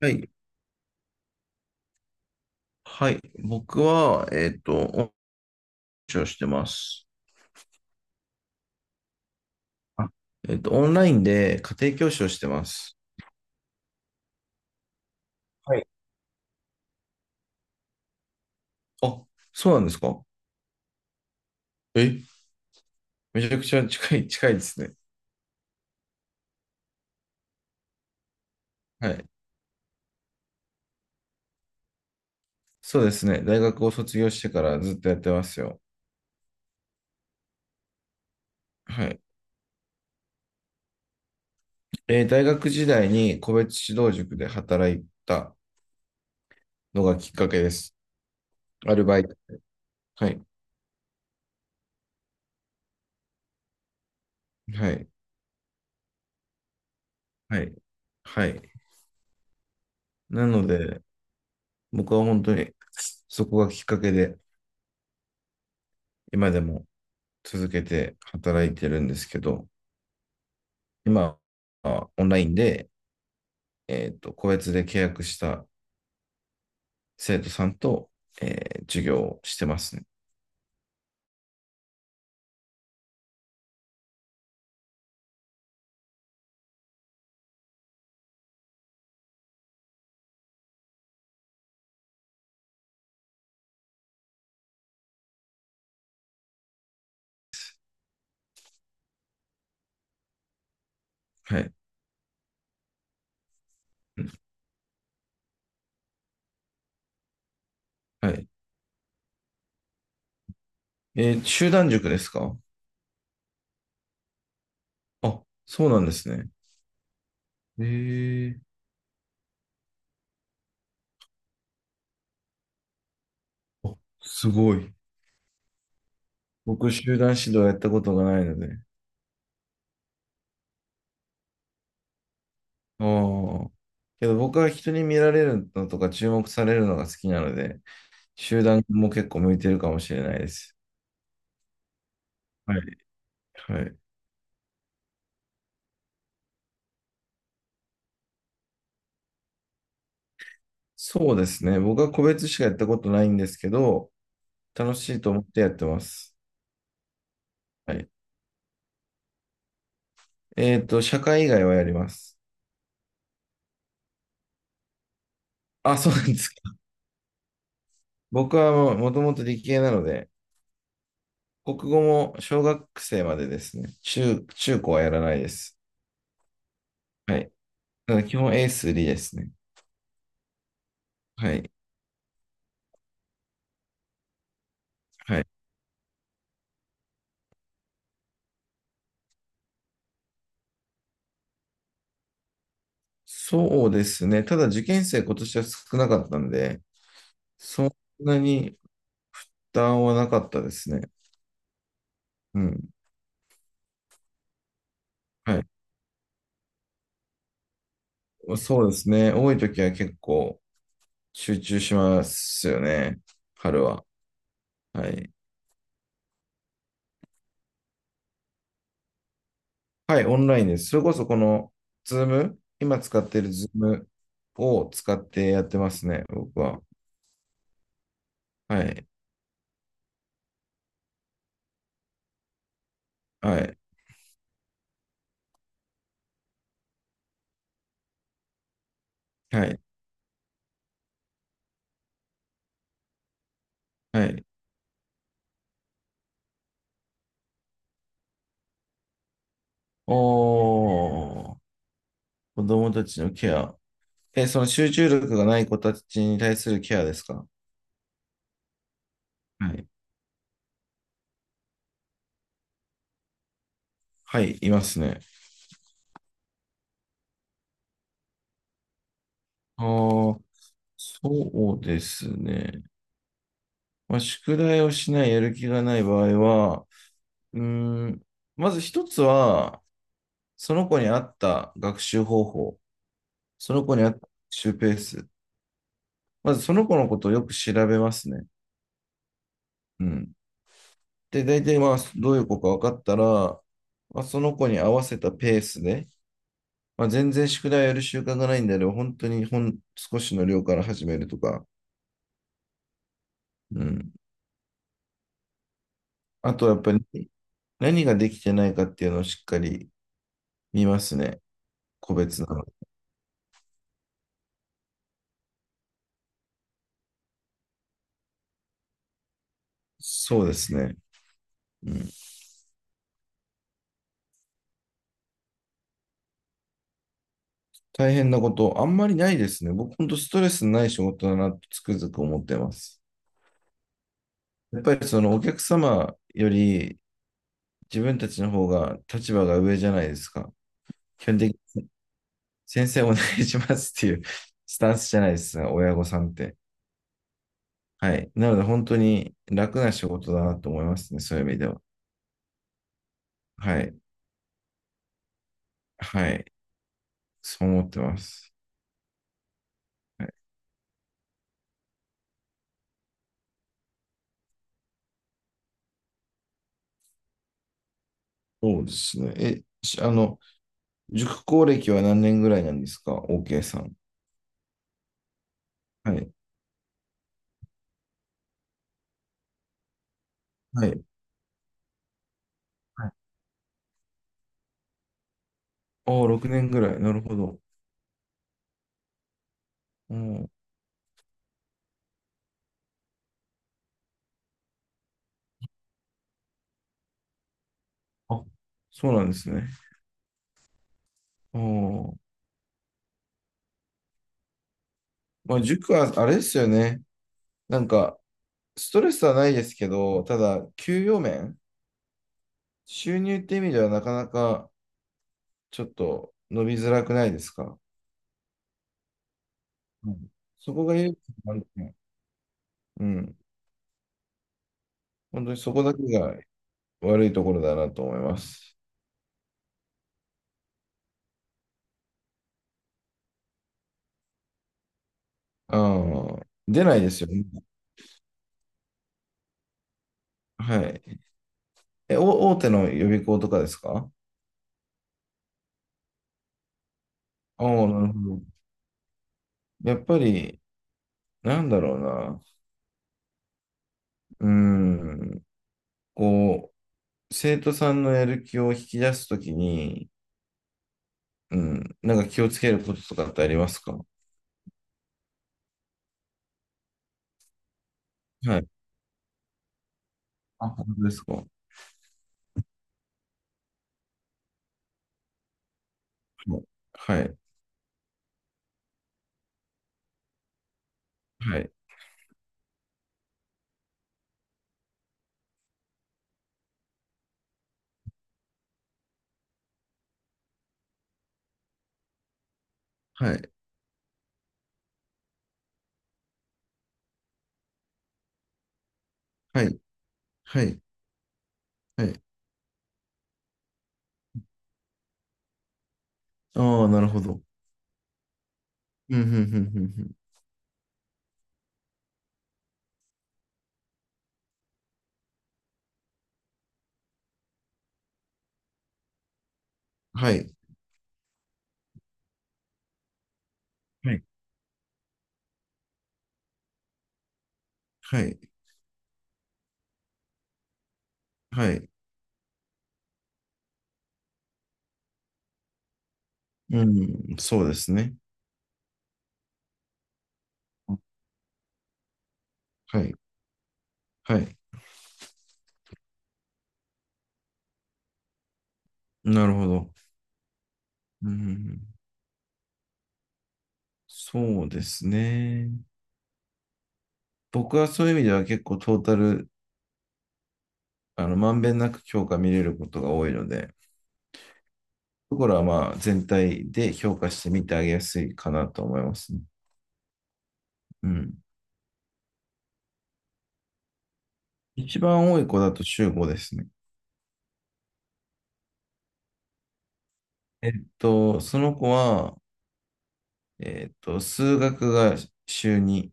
はい。はい。僕は、恩師をしてます。あオンラインで家庭教師をしてます。はい。あ、そうなんですか？え、めちゃくちゃ近い、近いですね。はい。そうですね。大学を卒業してからずっとやってますよ。はい。大学時代に個別指導塾で働いたのがきっかけです。アルバイト。はい。はい。はい。はい。なので、僕は本当にそこがきっかけで、今でも続けて働いてるんですけど、今はオンラインで、個別で契約した生徒さんと、授業をしてますね。はい。はい。集団塾ですか？あ、そうなんですね。ええ、あ、すごい。僕、集団指導やったことがないので。ああ。けど僕は人に見られるのとか注目されるのが好きなので、集団も結構向いてるかもしれないです。はい。はい。そうですね。僕は個別しかやったことないんですけど、楽しいと思ってやってます。はい。社会以外はやります。あ、そうなんですか。僕はもうもともと理系なので、国語も小学生までですね。中高はやらないです。はい。ただ基本 A3 ですね。はい。はい。そうですね。ただ受験生今年は少なかったんで、そんなに負担はなかったですね。うん。はい。そうですね。多い時は結構、集中しますよね。春は。はい。はい、オンラインです。それこそこの、ズーム、今使ってるズームを使ってやってますね、僕は。はい、はい、はい、はい。おー、子供たちのケア。え、その集中力がない子たちに対するケアですか？はい。はい、いますね。あー、そうですね。まあ、宿題をしない、やる気がない場合は、うーん、まず一つは、その子に合った学習方法、その子に合った学習ペース、まずその子のことをよく調べますね。うん。で、大体まあ、どういう子か分かったら、まあ、その子に合わせたペースで、まあ、全然宿題やる習慣がないんであれば、本当にほん少しの量から始めるとか、うん。あとはやっぱり何ができてないかっていうのをしっかり見ますね。個別なの。そうですね。うん、大変なこと、あんまりないですね。僕、本当ストレスない仕事だなとつくづく思ってます。やっぱりそのお客様より自分たちの方が立場が上じゃないですか。基本的に先生お願いしますっていうスタンスじゃないですか、親御さんって。はい。なので本当に楽な仕事だなと思いますね、そういう意味では。はい。はい。そう思ってます。はい、そうですね。え、しあの、塾講歴は何年ぐらいなんですか ?OK さん。はい。はい。はい。ああ、6年ぐらい。なるほど。うん。あ、そうなんですね。ああ。もう塾はあれですよね。なんか、ストレスはないですけど、ただ、給与面、収入って意味ではなかなかちょっと伸びづらくないですか。うん、そこが唯一なんですね。うん。本当にそこだけが悪いところだなと思います。ああ、出ないですよね。はい。大手の予備校とかですか？ああ、なるほど。やっぱり、なんだろうな。うーん。こう、生徒さんのやる気を引き出すときに、うん。なんか気をつけることとかってありますか？はい。あ、本当ですか。はい。はい。はい。はい。はい。はい。はい。ああ、なるほど。うん、うん、うん、うん。うん。はい。はい。はい。はい。うん、そうですね。はい。はい。なるほど。うん。そうですね。僕はそういう意味では結構トータル、まんべんなく評価見れることが多いので、ところはまあ全体で評価してみてあげやすいかなと思いますね。うん。一番多い子だと中5ですね。その子は、数学が週2、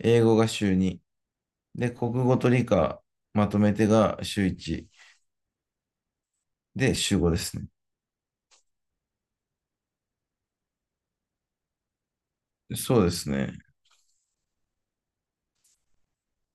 英語が週2、で、国語と理科まとめてが週1、で、週5ですね。そうですね。